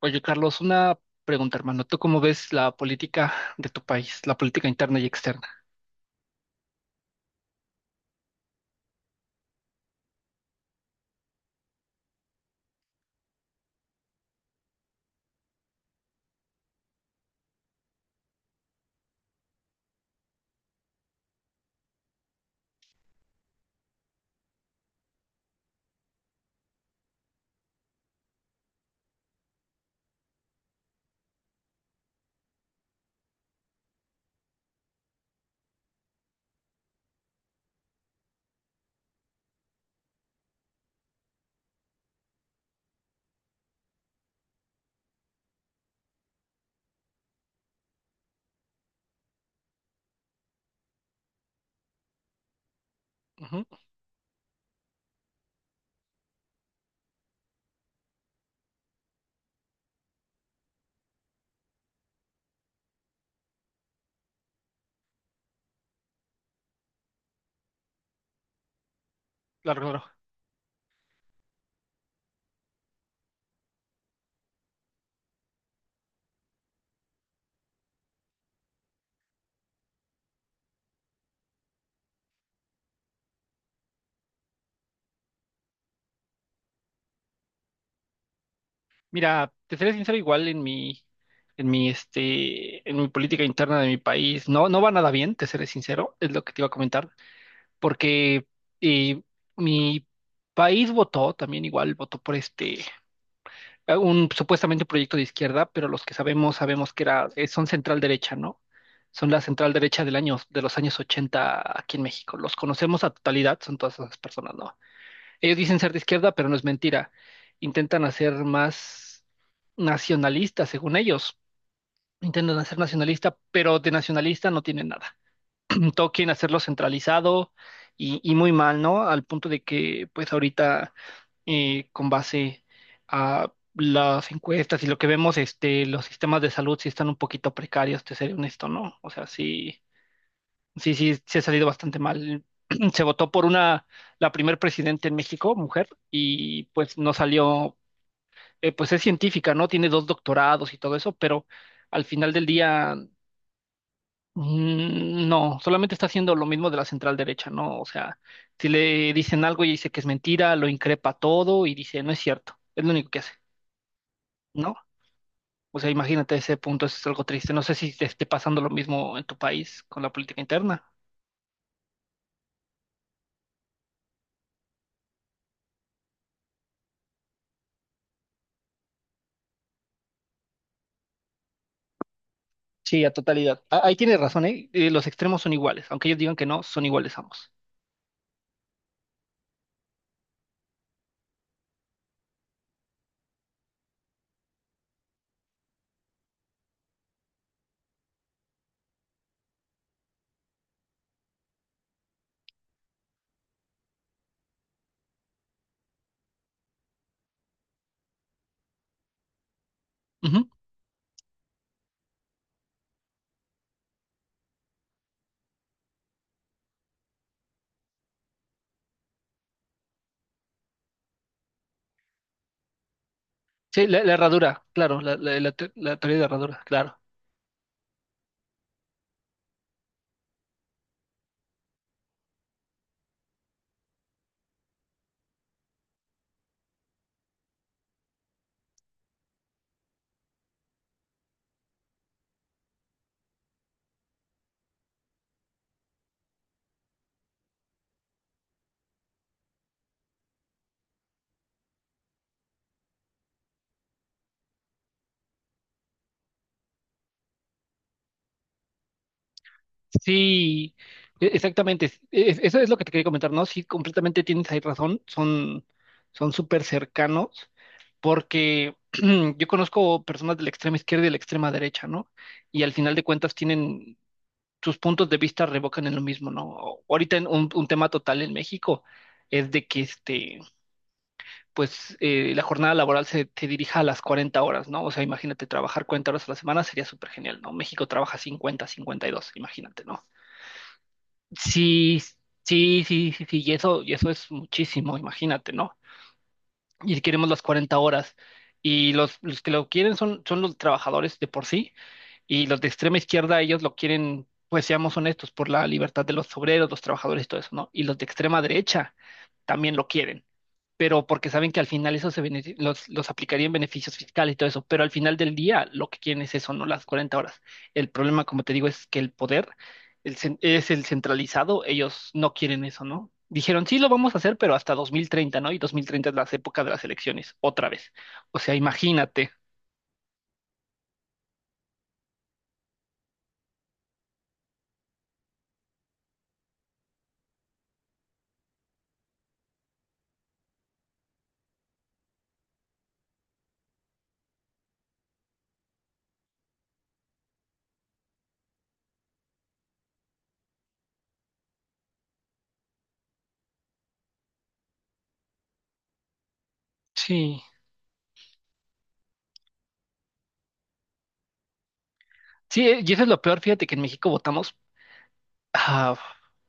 Oye, Carlos, una pregunta, hermano. ¿Tú cómo ves la política de tu país, la política interna y externa? Ujú. Claro, claro. Mira, te seré sincero, igual en mi política interna de mi país, no, no va nada bien, te seré sincero, es lo que te iba a comentar, porque eh, mi país votó, también igual votó por un supuestamente un proyecto de izquierda, pero los que sabemos, sabemos que son central derecha, ¿no? Son la central derecha del año, de los años 80 aquí en México. Los conocemos a totalidad, son todas esas personas, ¿no? Ellos dicen ser de izquierda, pero no es mentira. Intentan hacer más nacionalistas, según ellos. Intentan hacer nacionalista, pero de nacionalista no tienen nada. Todo quieren hacerlo centralizado y muy mal, ¿no? Al punto de que, pues ahorita con base a las encuestas y lo que vemos, este, los sistemas de salud sí están un poquito precarios, te seré honesto, ¿no? O sea, sí, sí, sí, se ha salido bastante mal. Se votó por la primer presidenta en México, mujer, y pues no salió, pues es científica, ¿no? Tiene 2 doctorados y todo eso, pero al final del día, no, solamente está haciendo lo mismo de la central derecha, ¿no? O sea, si le dicen algo y dice que es mentira, lo increpa todo y dice, no es cierto, es lo único que hace. ¿No? O sea, imagínate ese punto, eso es algo triste. No sé si te esté pasando lo mismo en tu país con la política interna. Sí, a totalidad. Ahí tienes razón, ¿eh? Los extremos son iguales, aunque ellos digan que no, son iguales ambos. Ujú. Sí, la herradura, claro, la teoría de herradura, claro. Sí, exactamente. Eso es lo que te quería comentar, ¿no? Sí, completamente tienes ahí razón. Son súper cercanos porque yo conozco personas de la extrema izquierda y de la extrema derecha, ¿no? Y al final de cuentas tienen tus puntos de vista revocan en lo mismo, ¿no? Ahorita en un tema total en México es de que este, pues la jornada laboral se, te dirija a las 40 horas, ¿no? O sea, imagínate trabajar 40 horas a la semana sería súper genial, ¿no? México trabaja 50, 52, imagínate, ¿no? Sí, sí, sí, sí, sí, y eso es muchísimo, imagínate, ¿no? Y si queremos las 40 horas y los que lo quieren son los trabajadores de por sí. Y los de extrema izquierda, ellos lo quieren, pues seamos honestos, por la libertad de los obreros, los trabajadores y todo eso, ¿no? Y los de extrema derecha también lo quieren, pero porque saben que al final eso los aplicaría en beneficios fiscales y todo eso, pero al final del día lo que quieren es eso, no las 40 horas. El problema, como te digo, es que el poder es el centralizado, ellos no quieren eso, ¿no? Dijeron, sí, lo vamos a hacer, pero hasta 2030, ¿no? Y 2030 es la época de las elecciones, otra vez. O sea, imagínate. Sí, sí, y eso es lo peor, fíjate que en México votamos. Ah,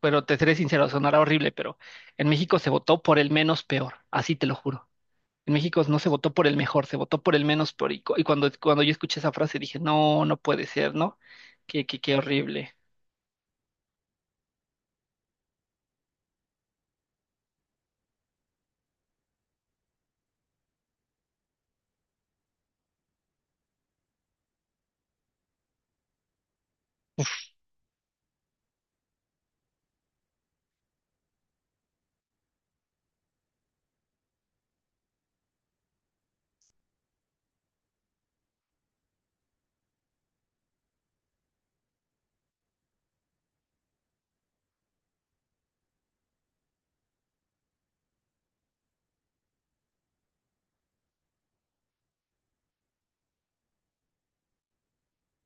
pero te seré sincero, sonará horrible, pero en México se votó por el menos peor, así te lo juro. En México no se votó por el mejor, se votó por el menos peor. Cuando yo escuché esa frase dije, no, no puede ser, ¿no? Qué, qué, qué horrible.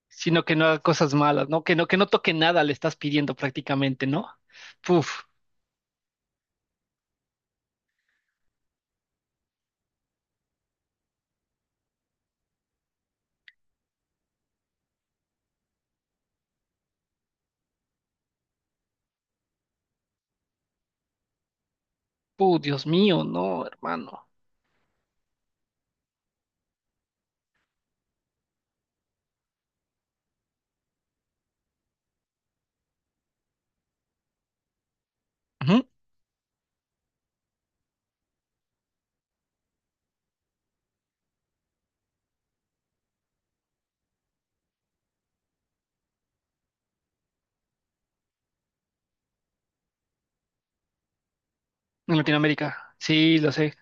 Sino que no haga cosas malas, ¿no? Que no, que no toque nada, le estás pidiendo prácticamente, ¿no? Puf, puf, Dios mío, no, hermano. Ujú. En Latinoamérica, sí, lo sé.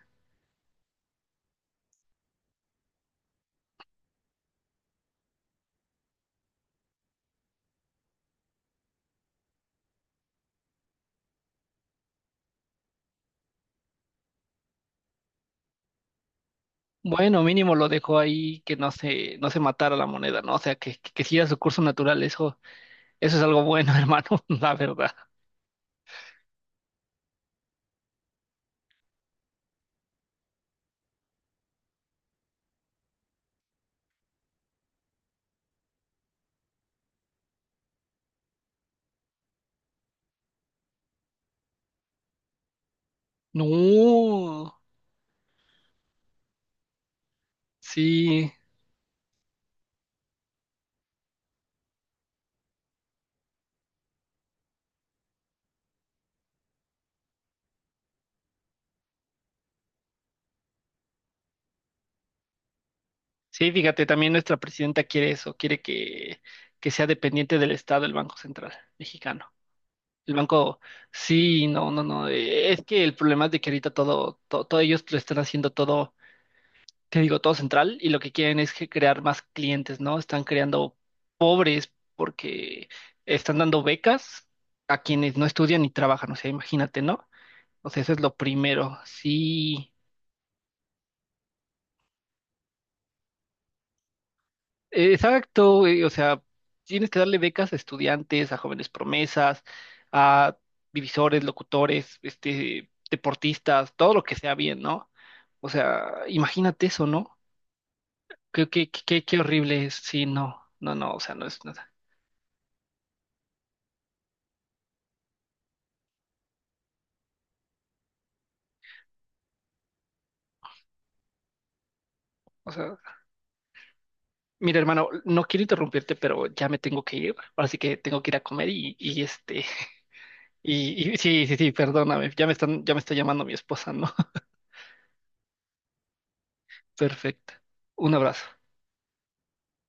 Bueno, mínimo lo dejó ahí que no se, no se matara la moneda, ¿no? O sea, que siguiera su curso natural, eso. Eso es algo bueno, hermano, la verdad. No, sí, sí, fíjate, también nuestra presidenta quiere eso, quiere que sea dependiente del Estado el Banco Central mexicano. El banco, sí, no, no, no, es que el problema es de que ahorita todo, todo, todo ellos lo están haciendo todo, te digo, todo central y lo que quieren es que crear más clientes, ¿no? Están creando pobres porque están dando becas a quienes no estudian ni trabajan, o sea, imagínate, ¿no? O sea, eso es lo primero. Sí, exacto, güey, o sea, tienes que darle becas a estudiantes, a jóvenes promesas, a divisores, locutores, este, deportistas, todo lo que sea bien, ¿no? O sea, imagínate eso, ¿no? Qué, qué, qué, qué horrible es. Sí, no, no, no, o sea, no es nada. O sea, mira, hermano, no quiero interrumpirte, pero ya me tengo que ir, así que tengo que ir a comer y sí, sí, sí, perdóname, ya me está llamando mi esposa, ¿no? Perfecto. Un abrazo.